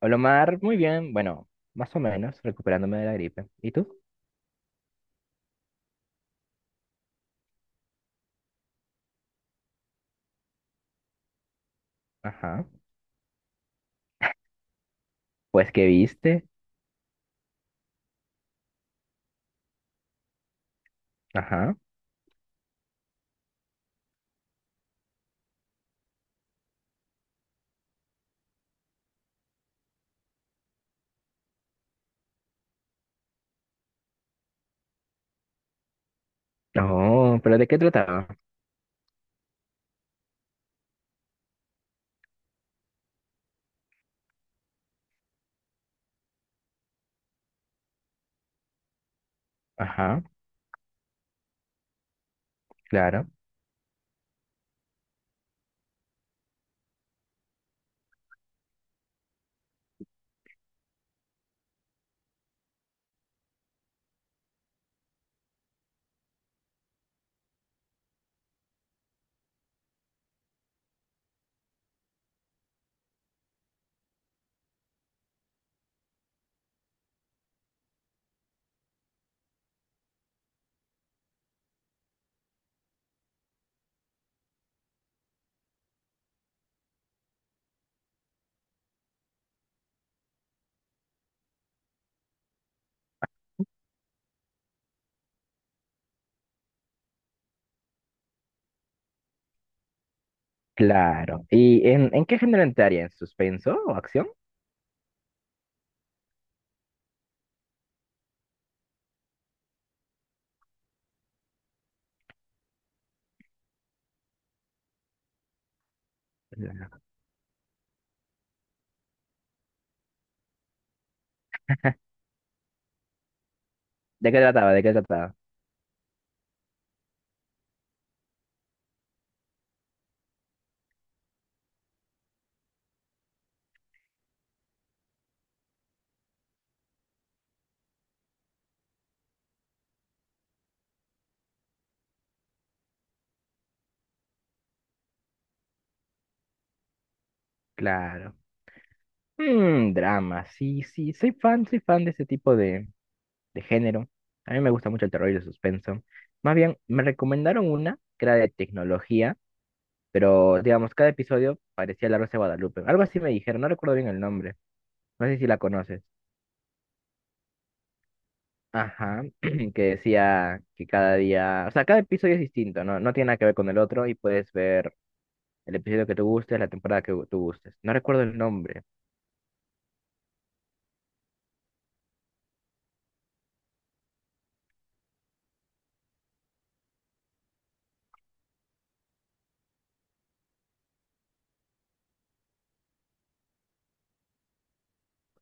Hola, Omar, muy bien. Bueno, más o menos, recuperándome de la gripe. ¿Y tú? Ajá. Pues, ¿qué viste? Ajá. Oh, pero ¿de qué trataba? Ajá, claro. Claro. ¿Y en qué género entraría? ¿En suspenso o acción? Claro. ¿De qué trataba? ¿De qué trataba? Claro. Mm, drama. Sí, sí, soy fan de ese tipo de género. A mí me gusta mucho el terror y el suspenso. Más bien, me recomendaron una que era de tecnología. Pero, digamos, cada episodio parecía la Rosa de Guadalupe. Algo así me dijeron, no recuerdo bien el nombre. No sé si la conoces. Ajá, que decía que cada día, o sea, cada episodio es distinto, ¿no? No tiene nada que ver con el otro y puedes ver el episodio que tú gustes, la temporada que tú gustes. No recuerdo el nombre.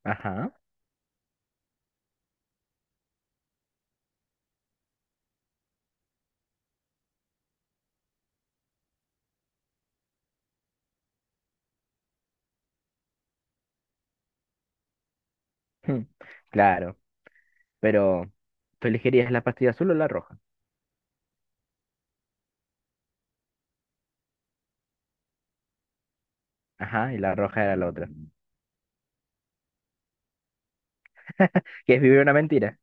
Ajá, claro, pero tú elegirías la pastilla azul o la roja. Ajá, y la roja era la otra. Que es vivir una mentira.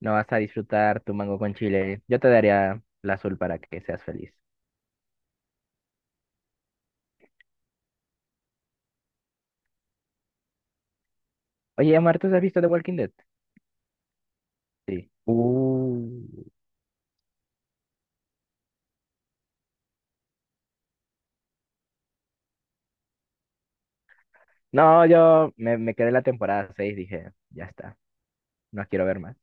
No vas a disfrutar tu mango con chile. Yo te daría la azul para que seas feliz. Oye, Amar, ¿tú has visto The Walking Dead? Sí. No, yo me quedé en la temporada seis, dije, ya está, no quiero ver más.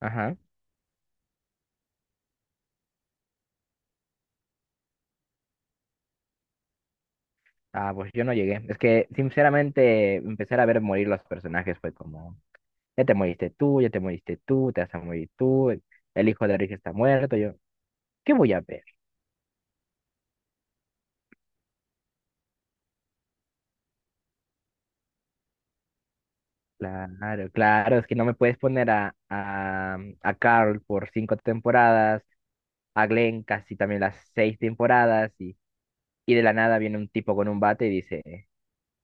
Ajá. Ah, pues yo no llegué. Es que, sinceramente, empezar a ver morir los personajes fue como, ya te moriste tú, ya te moriste tú, te vas a morir tú, el hijo de Rick está muerto, yo, ¿qué voy a ver? Claro, claro, es que no me puedes poner a Carl por cinco temporadas, a Glenn casi también las seis temporadas, y de la nada viene un tipo con un bate y dice...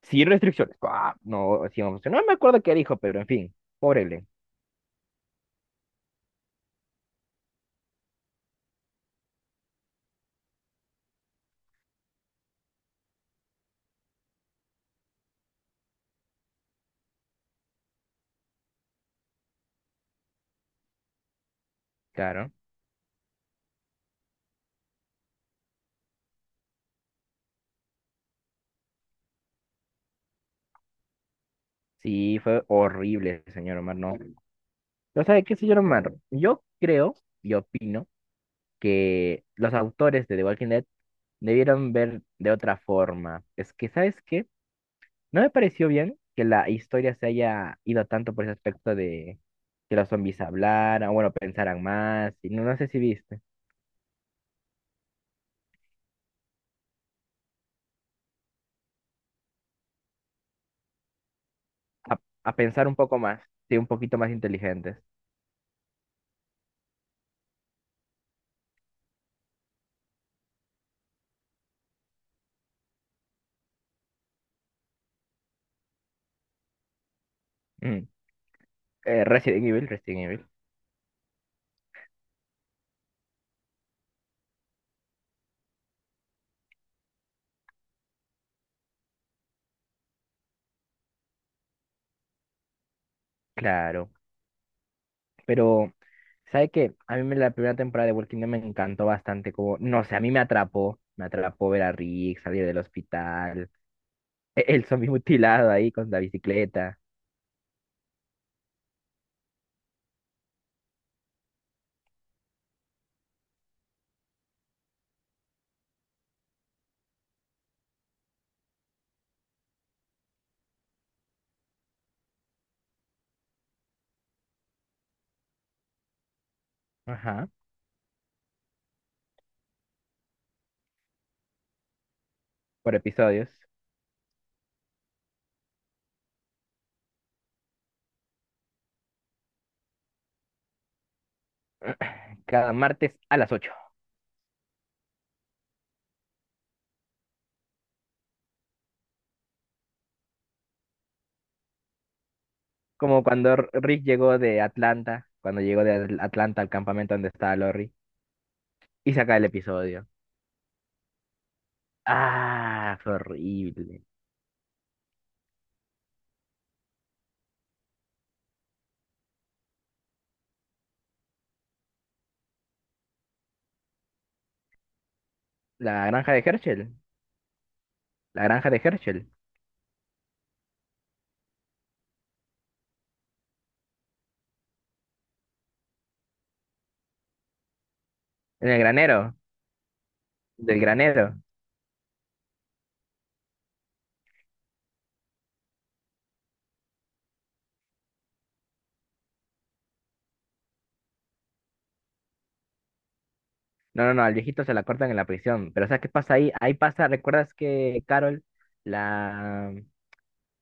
Sin restricciones. Ah, no, sí, vamos, no me acuerdo qué dijo, pero en fin, pobrele, claro. Sí, fue horrible, señor Omar, no. ¿No sabe qué, señor Omar? Yo creo y opino que los autores de The Walking Dead debieron ver de otra forma. Es que, ¿sabes qué? No me pareció bien que la historia se haya ido tanto por ese aspecto de que los zombies hablaran, bueno, pensaran más, y no, no sé si viste, a pensar un poco más, sí, un poquito más inteligentes. Mm. Resident Evil, Resident Evil, claro. Pero, ¿sabe qué? A mí la primera temporada de Walking Dead me encantó bastante, como, no sé, a mí me atrapó ver a Rick salir del hospital, el zombie mutilado ahí con la bicicleta, ajá, por episodios, cada martes a las 8 como cuando Rick llegó de Atlanta, cuando llegó de Atlanta al campamento donde estaba Lori, y saca el episodio. Ah, fue horrible. La granja de Herschel, la granja de Herschel, en el granero. Del granero. No, no, no, al viejito se la cortan en la prisión. Pero ¿sabes qué pasa ahí? Ahí pasa, ¿recuerdas que Carol, la...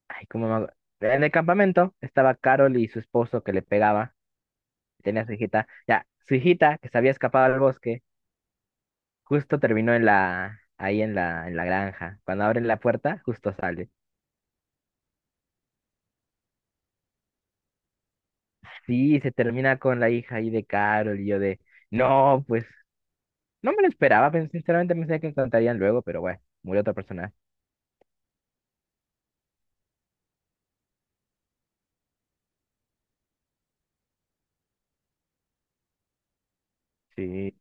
Ay, ¿cómo me... hago? En el campamento estaba Carol y su esposo que le pegaba, tenía a su hijita. Ya, su hijita, que se había escapado al bosque, justo terminó en la... ahí en la granja. Cuando abren la puerta, justo sale. Sí, se termina con la hija ahí de Carol y yo de... No, pues, no me lo esperaba, pero sinceramente pensé que encontrarían luego, pero bueno, murió otra persona. Sí,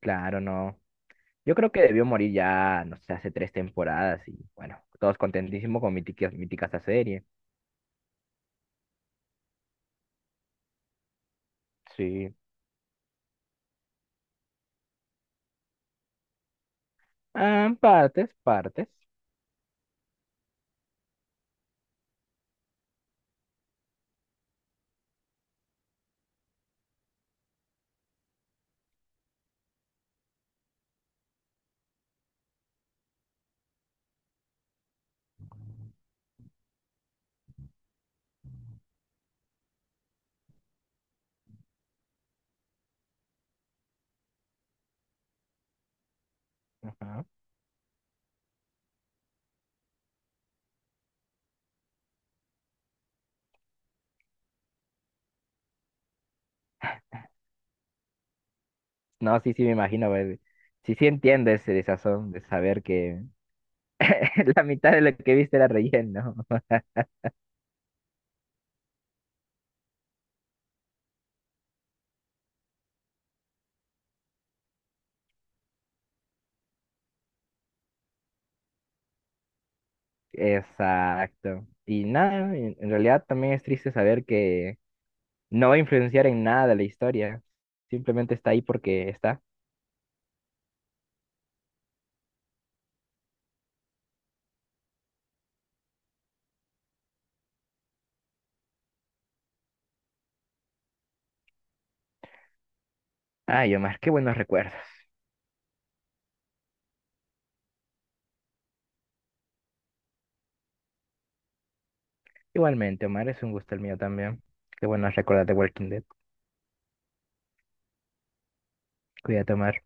claro, no. Yo creo que debió morir ya, no sé, hace tres temporadas y bueno, todos contentísimos con mítica, mítica esa serie. Sí. Ah, partes, partes. Ajá. No, sí, sí, me imagino, ver, sí, sí entiendo ese desazón de saber que la mitad de lo que viste era relleno. Exacto. Y nada, en realidad también es triste saber que no va a influenciar en nada la historia. Simplemente está ahí porque está. Ay, Omar, qué buenos recuerdos. Igualmente, Omar, es un gusto el mío también. Qué bueno recordar de Walking Dead. Cuídate, Omar.